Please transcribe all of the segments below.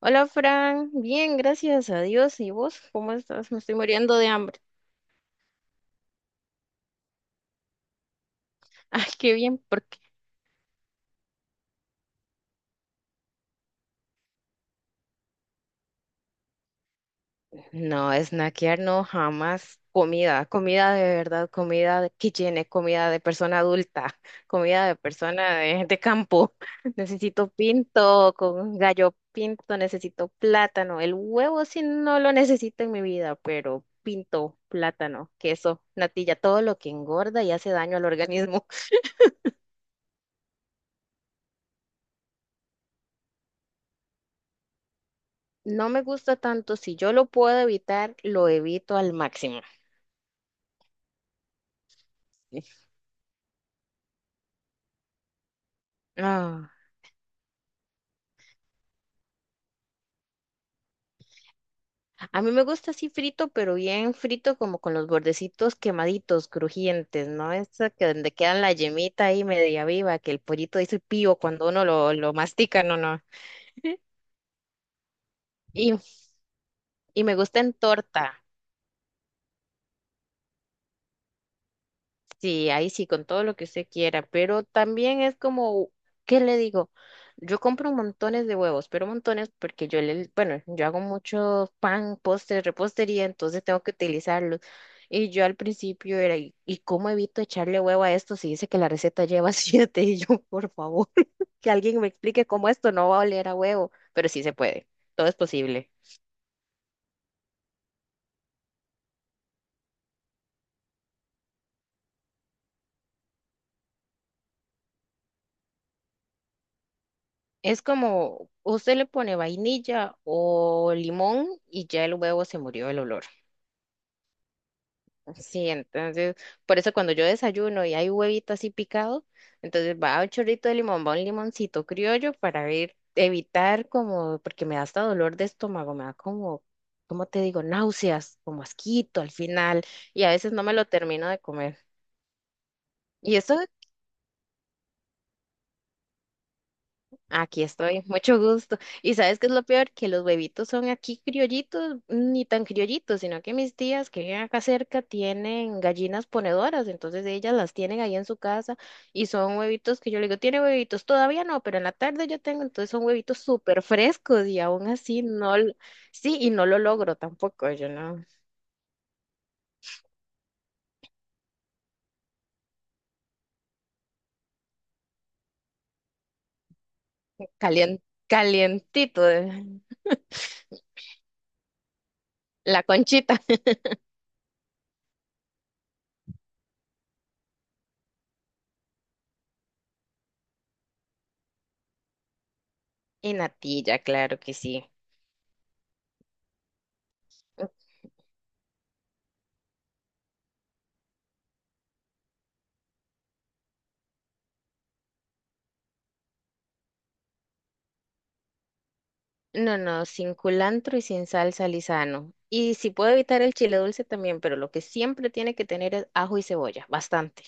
Hola Fran, bien, gracias a Dios. ¿Y vos? ¿Cómo estás? Me estoy muriendo de hambre. Ay, qué bien, porque no, snackear no, jamás. Comida, comida de verdad, comida que llene, comida de persona adulta, comida de persona de campo. Necesito pinto con gallo pinto, necesito plátano. El huevo sí no lo necesito en mi vida, pero pinto, plátano, queso, natilla, todo lo que engorda y hace daño al organismo. No me gusta tanto, si yo lo puedo evitar, lo evito al máximo. Ah, a mí me gusta así frito, pero bien frito, como con los bordecitos quemaditos, crujientes, ¿no? Esa que donde quedan la yemita ahí media viva, que el pollito dice pío cuando uno lo mastica, no, no. Y, y me gusta en torta. Sí, ahí sí, con todo lo que usted quiera, pero también es como, ¿qué le digo? Yo compro montones de huevos, pero montones porque yo le, bueno, yo hago mucho pan, postre, repostería, entonces tengo que utilizarlos. Y yo al principio era, ¿y cómo evito echarle huevo a esto si dice que la receta lleva siete? Y yo, por favor, que alguien me explique cómo esto no va a oler a huevo, pero sí se puede, todo es posible. Es como, usted le pone vainilla o limón y ya el huevo se murió el olor. Sí, entonces, por eso cuando yo desayuno y hay huevito así picado, entonces va un chorrito de limón, va un limoncito criollo para ver, evitar como, porque me da hasta dolor de estómago, me da como, ¿cómo te digo? Náuseas, como asquito al final, y a veces no me lo termino de comer. Y eso. Aquí estoy, mucho gusto. ¿Y sabes qué es lo peor? Que los huevitos son aquí criollitos, ni tan criollitos, sino que mis tías que viven acá cerca tienen gallinas ponedoras, entonces ellas las tienen ahí en su casa y son huevitos que yo le digo, tiene huevitos, todavía no, pero en la tarde yo tengo, entonces son huevitos súper frescos y aún así no, sí, y no lo logro tampoco, yo no, calien- calientito, la conchita y natilla, claro que sí. No, no, sin culantro y sin salsa lisano. Y si puedo evitar el chile dulce también, pero lo que siempre tiene que tener es ajo y cebolla, bastante.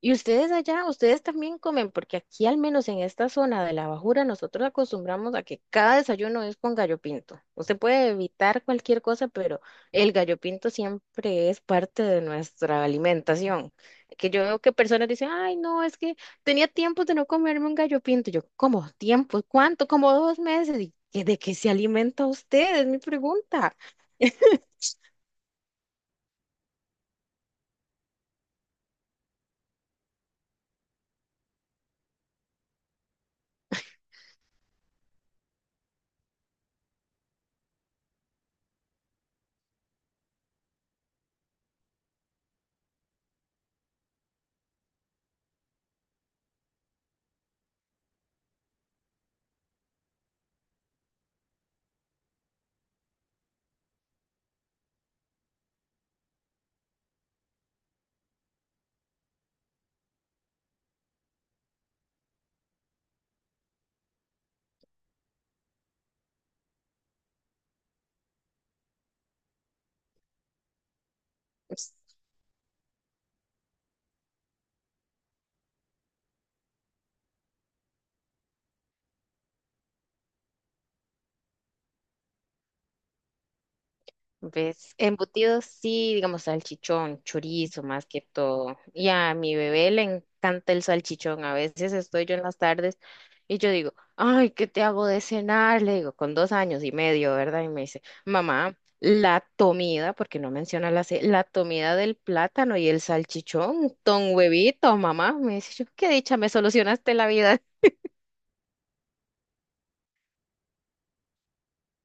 Y ustedes allá, ustedes también comen, porque aquí al menos en esta zona de la Bajura nosotros acostumbramos a que cada desayuno es con gallo pinto. Usted puede evitar cualquier cosa, pero el gallo pinto siempre es parte de nuestra alimentación. Que yo veo que personas dicen, ay, no, es que tenía tiempo de no comerme un gallo pinto. Yo, ¿cómo? ¿Tiempo? ¿Cuánto? Como 2 meses. ¿Y de qué se alimenta usted? Es mi pregunta. ¿Ves? Embutidos sí, digamos salchichón, chorizo más que todo. Y a mi bebé le encanta el salchichón. A veces estoy yo en las tardes y yo digo, ay, ¿qué te hago de cenar? Le digo, con 2 años y medio, ¿verdad? Y me dice, mamá, la comida, porque no menciona la C, la comida del plátano y el salchichón, ton huevito, mamá. Me dice, yo, qué dicha, me solucionaste la vida.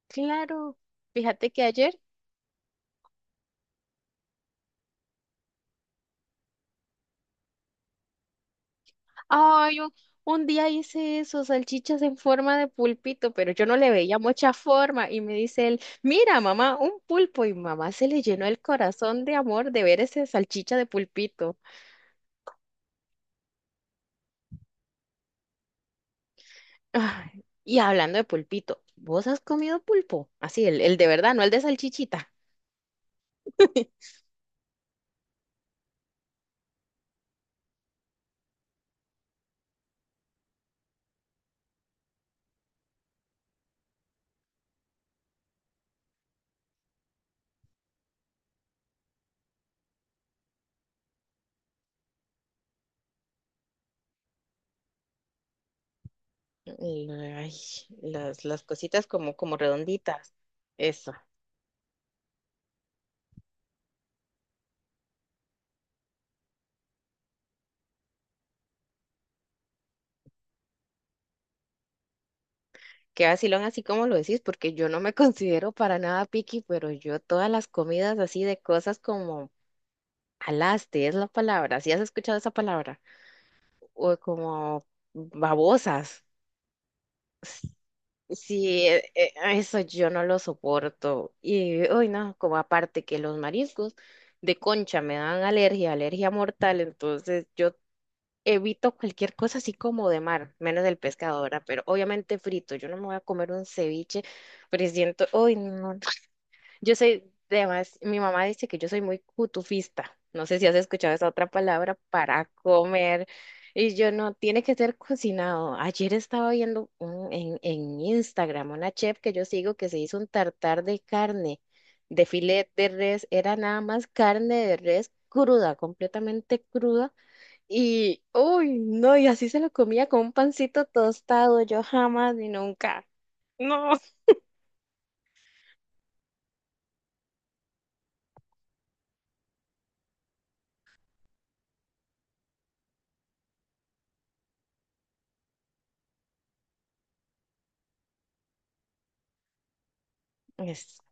Claro, fíjate que ayer Ay, un día hice eso, salchichas en forma de pulpito, pero yo no le veía mucha forma. Y me dice él, mira, mamá, un pulpo. Y mamá se le llenó el corazón de amor de ver esa salchicha de pulpito. Ay, y hablando de pulpito, ¿vos has comido pulpo? Así, el de verdad, no el de salchichita. Y, ay, las cositas como, como redonditas. Eso. Qué vacilón así como lo decís, porque yo no me considero para nada picky, pero yo todas las comidas así de cosas como Alaste es la palabra. Si has escuchado esa palabra? O como babosas. Sí, eso yo no lo soporto. Y, hoy no, como aparte que los mariscos de concha me dan alergia, alergia mortal, entonces yo evito cualquier cosa así como de mar, menos el pescado, ¿verdad? Pero obviamente frito, yo no me voy a comer un ceviche, pero siento, uy, no, yo soy, además, mi mamá dice que yo soy muy cutufista. No sé si has escuchado esa otra palabra para comer. Y yo no, tiene que ser cocinado. Ayer estaba viendo en, Instagram una chef que yo sigo que se hizo un tartar de carne, de filet de res. Era nada más carne de res cruda, completamente cruda. Y, uy, no, y así se lo comía con un pancito tostado. Yo jamás ni nunca. No. Eso.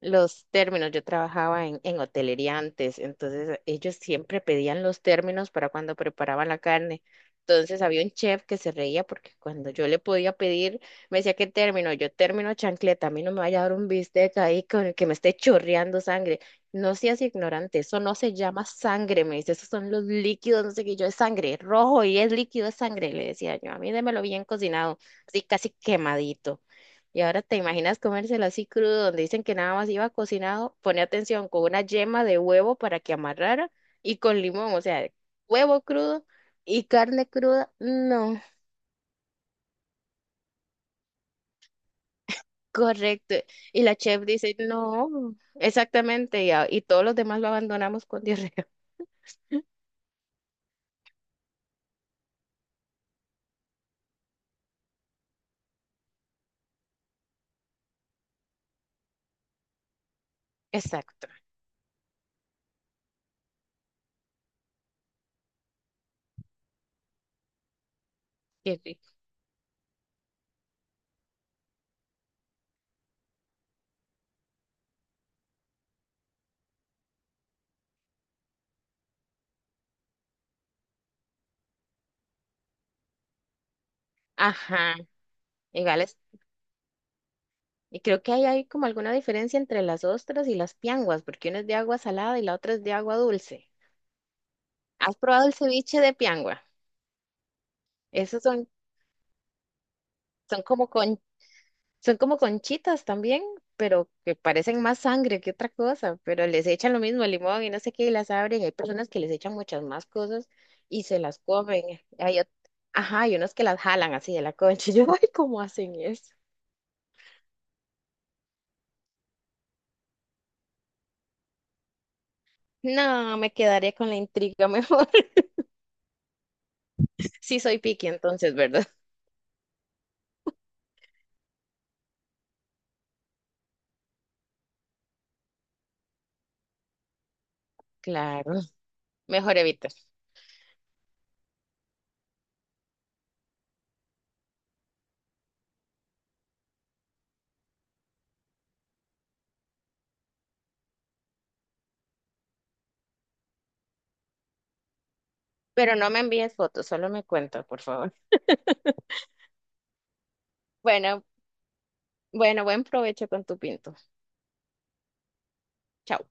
Los términos. Yo trabajaba en hotelería antes, entonces ellos siempre pedían los términos para cuando preparaban la carne. Entonces había un chef que se reía porque cuando yo le podía pedir, me decía, ¿qué término? Yo término chancleta, a mí no me vaya a dar un bistec ahí con el que me esté chorreando sangre. No seas ignorante, eso no se llama sangre, me dice, esos son los líquidos, no sé qué, yo es sangre, rojo y es líquido, es sangre, le decía yo, a mí démelo bien cocinado, así casi quemadito. Y ahora te imaginas comérselo así crudo, donde dicen que nada más iba cocinado, pone atención, con una yema de huevo para que amarrara y con limón, o sea, huevo crudo y carne cruda, no, correcto. Y la chef dice, no, exactamente, y todos los demás lo abandonamos con diarrea. Exacto, qué rico. Ajá, iguales. Y creo que ahí hay como alguna diferencia entre las ostras y las pianguas, porque una es de agua salada y la otra es de agua dulce. ¿Has probado el ceviche de piangua? Esos son Son como con, son como conchitas también, pero que parecen más sangre que otra cosa, pero les echan lo mismo, limón y no sé qué, y las abren. Hay personas que les echan muchas más cosas y se las comen. Hay, ajá, hay unos que las jalan así de la concha. Yo, ay, ¿cómo hacen eso? No, me quedaría con la intriga mejor. Sí soy piqui entonces, ¿verdad? Claro, mejor evitar. Pero no me envíes fotos, solo me cuentas, por favor. Bueno, bueno, buen provecho con tu pinto. Chao.